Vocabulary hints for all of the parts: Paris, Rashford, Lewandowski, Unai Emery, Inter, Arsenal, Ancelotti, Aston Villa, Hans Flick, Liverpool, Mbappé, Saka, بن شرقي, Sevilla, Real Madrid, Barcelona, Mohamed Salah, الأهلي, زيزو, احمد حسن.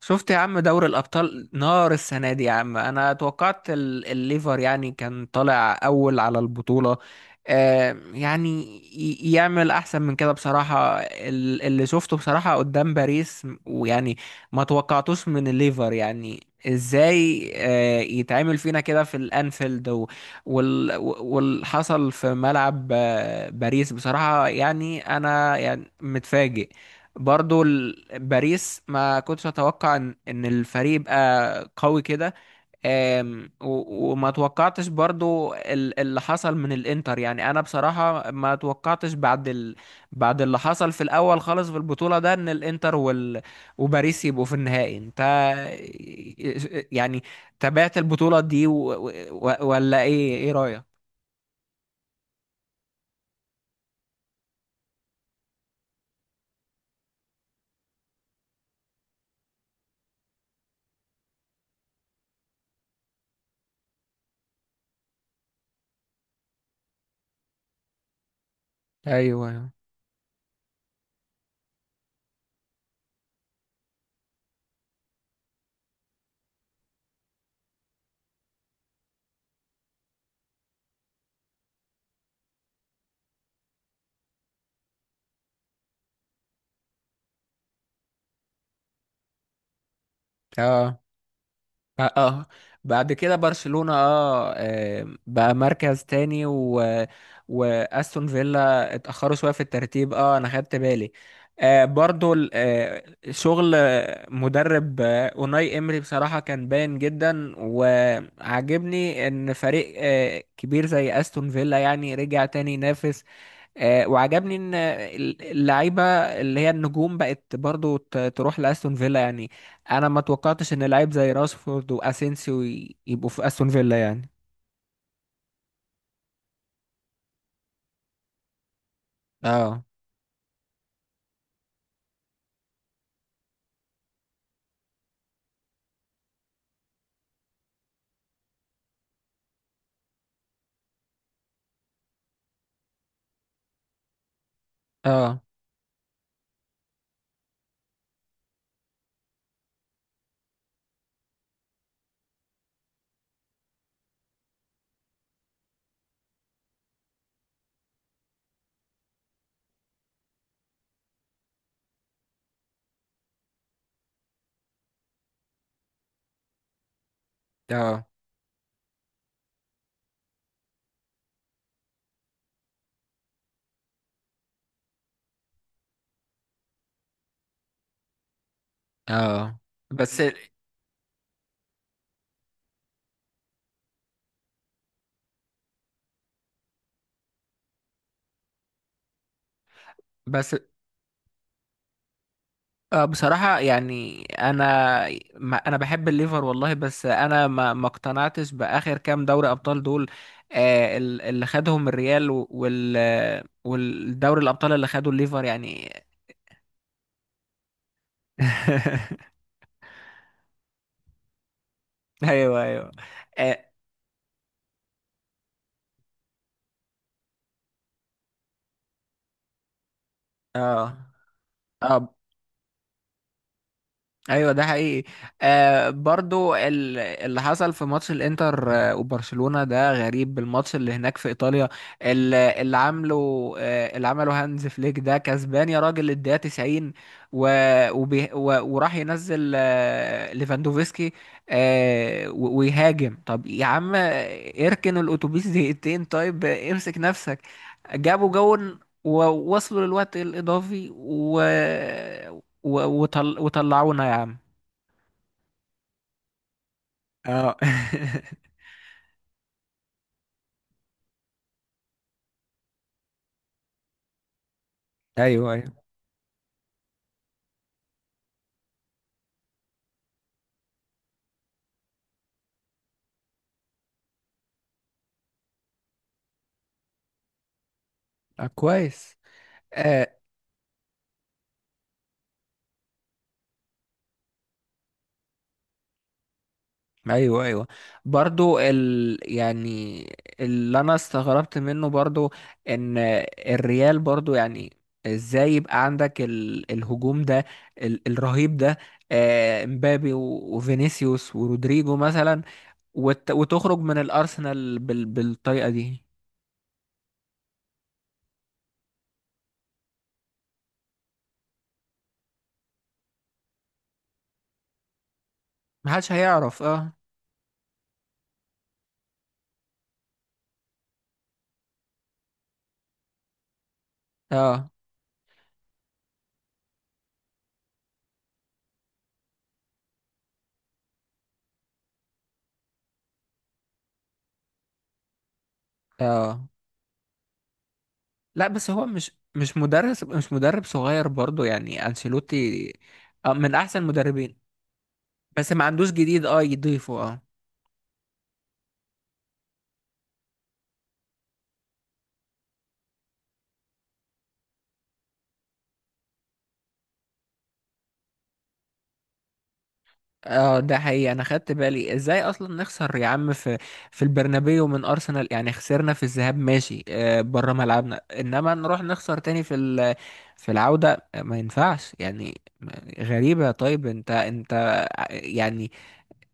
شفت يا عم، دوري الأبطال نار السنة دي يا عم. أنا توقعت الليفر يعني كان طالع أول على البطولة. يعني يعمل أحسن من كده بصراحة. اللي شفته بصراحة قدام باريس ويعني ما توقعتوش من الليفر. يعني ازاي يتعمل فينا كده في الأنفيلد، وال- واللي حصل في ملعب باريس بصراحة. يعني أنا يعني متفاجئ برضو. باريس ما كنتش اتوقع إن الفريق يبقى قوي كده. و- وما توقعتش برضو اللي حصل من الانتر. يعني انا بصراحة ما توقعتش بعد بعد اللي حصل في الاول خالص في البطولة ده، ان الانتر وباريس يبقوا في النهائي. انت يعني تابعت البطولة دي ولا ايه رأيك؟ ايوه. اه. اه. آه. بعد كده برشلونة بقى مركز تاني، و واستون فيلا اتأخروا شوية في الترتيب. اه انا خدت بالي. برضو شغل مدرب اوناي امري بصراحة كان باين جدا، وعجبني ان فريق كبير زي استون فيلا يعني رجع تاني ينافس. وعجبني ان اللعيبه اللي هي النجوم بقت برضو تروح لاستون فيلا يعني. انا ما توقعتش ان لعيب زي راشفورد واسينسيو يبقوا في استون فيلا يعني. اه. اه. اه. اه. بس بس. بصراحه يعني انا ما انا بحب الليفر والله، بس انا ما اقتنعتش باخر كام دوري ابطال دول. اللي خدهم الريال و- وال والدوري الابطال اللي خدوا الليفر يعني. ايوه ايوه. اه. اه. آه، ايوه ده حقيقي. برضو اللي حصل في ماتش الانتر وبرشلونة ده غريب، الماتش اللي هناك في ايطاليا، ال- اللي عامله آه اللي عمله هانز فليك ده كسبان يا راجل الدقيقة 90، و... وبي... و... وراح ينزل ليفاندوفسكي آه و... ويهاجم. طب يا عم اركن الاتوبيس دقيقتين، طيب امسك نفسك. جابوا جون ووصلوا للوقت الإضافي و... و- وطل... وطلعونا يا عم. اه. ايوه ايوه. آه كويس. آه. ايوه ايوه. برضو يعني اللي انا استغربت منه برضو، ان الريال برضو يعني ازاي يبقى عندك الهجوم ده، الرهيب ده، مبابي و... وفينيسيوس ورودريجو مثلا، وت... وتخرج من الارسنال بالطريقة دي. محدش هيعرف. اه. اه. اه. لا بس هو مش مش مدرس مش مدرب صغير برضو يعني انشيلوتي. من احسن مدربين، بس ما عندوش جديد يضيفه. اه. اه ده حقيقي. انا خدت بالي ازاي اصلا نخسر يا عم في البرنابيو من ارسنال. يعني خسرنا في الذهاب ماشي بره ملعبنا، انما نروح نخسر تاني في في العودة ما ينفعش يعني غريبة. طيب انت يعني،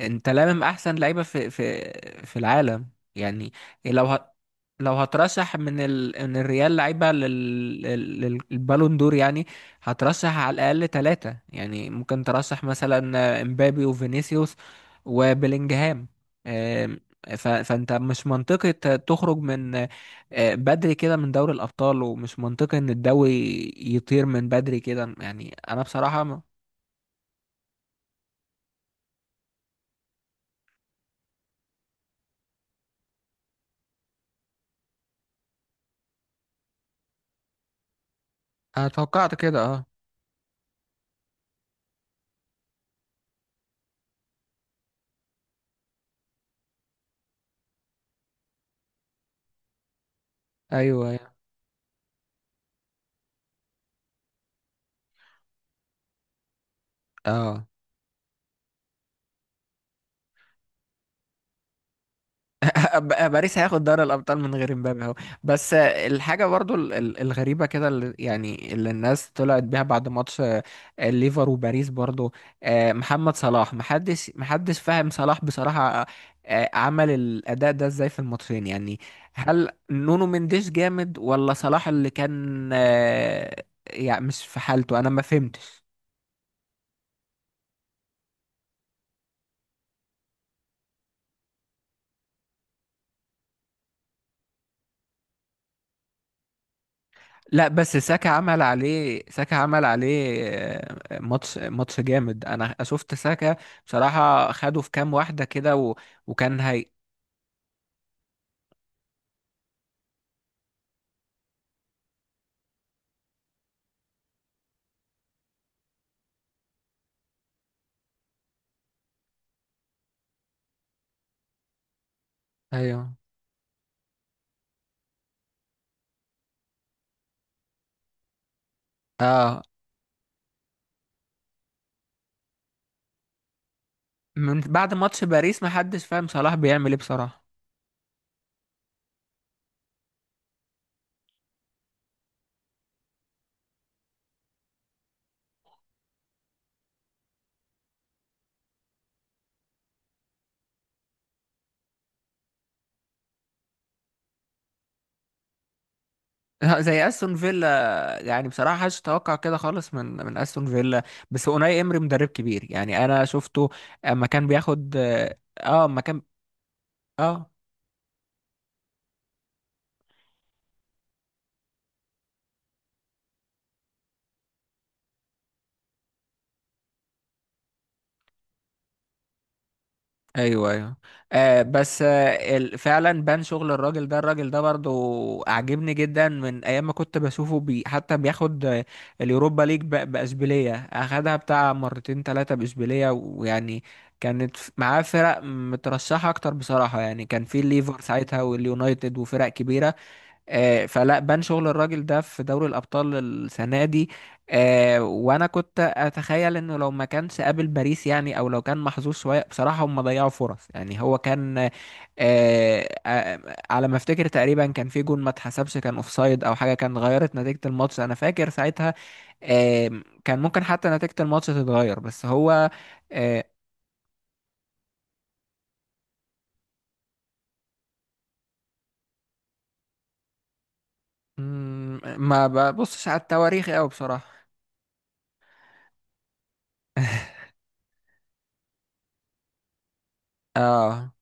انت لامم احسن لعيبه في في العالم يعني. لو ه... لو هترشح من من الريال لعيبه للبالون دور يعني، هترشح على الاقل ثلاثه. يعني ممكن ترشح مثلا امبابي وفينيسيوس وبيلينجهام. آم، ف... فانت مش منطقي تخرج من بدري كده من دوري الابطال، ومش منطقي ان الدوري يطير من بدري كده. يعني انا بصراحه ما... انا توقعت كده. اه. ايوه. اه. باريس هياخد دوري الابطال من غير مبابي اهو. بس الحاجه برضو الغريبه كده، اللي الناس طلعت بيها بعد ماتش الليفر وباريس برضو. محمد صلاح، محدش فاهم صلاح بصراحه. عمل الاداء ده ازاي في الماتشين يعني؟ هل نونو مندش جامد، ولا صلاح اللي كان يعني مش في حالته؟ انا ما فهمتش. لا بس ساكا عمل عليه، ساكا عمل عليه ماتش ماتش جامد. انا شفت ساكا بصراحة خده في كام واحدة كده و... وكان هي. ايوه. اه. من بعد ماتش باريس محدش فاهم صلاح بيعمل ايه بصراحة. زي استون فيلا يعني، بصراحة محدش توقع كده خالص من استون فيلا. بس اوناي امري مدرب كبير يعني. انا شفته اما كان بياخد اما كان. اه. ايوه ايوه. بس فعلا بان شغل الراجل ده برضو اعجبني جدا من ايام ما كنت بشوفه بي حتى بياخد اليوروبا ليج باشبيليه، اخدها بتاع مرتين ثلاثه باشبيليه، ويعني كانت معاه فرق مترشحه اكتر بصراحه. يعني كان في الليفر ساعتها واليونايتد وفرق كبيره. فلا بان شغل الراجل ده في دوري الأبطال السنة دي. وأنا كنت أتخيل إنه لو ما كانش قابل باريس، يعني أو لو كان محظوظ شوية بصراحة، هم ضيعوا فرص يعني. هو كان على ما أفتكر تقريبا كان في جون ما اتحسبش، كان أوفسايد أو حاجة، كان غيرت نتيجة الماتش. أنا فاكر ساعتها آه، كان ممكن حتى نتيجة الماتش تتغير، بس هو آه، ما ببصش على التواريخ أوي بصراحة. اه.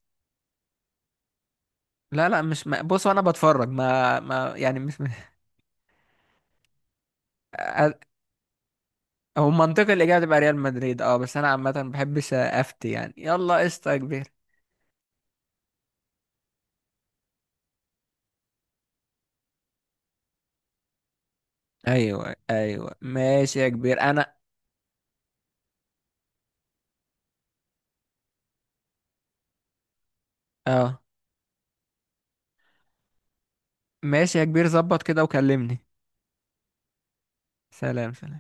لا لا مش ما... بص انا بتفرج، ما يعني مش. أ- هو منطقي الاجابه تبقى ريال مدريد. اه بس انا عامه ما بحبش افتي يعني، يلا قشطه يا كبير. ايوه ايوه ماشي يا كبير. انا. اه. ماشي يا كبير، ظبط كده وكلمني. سلام سلام.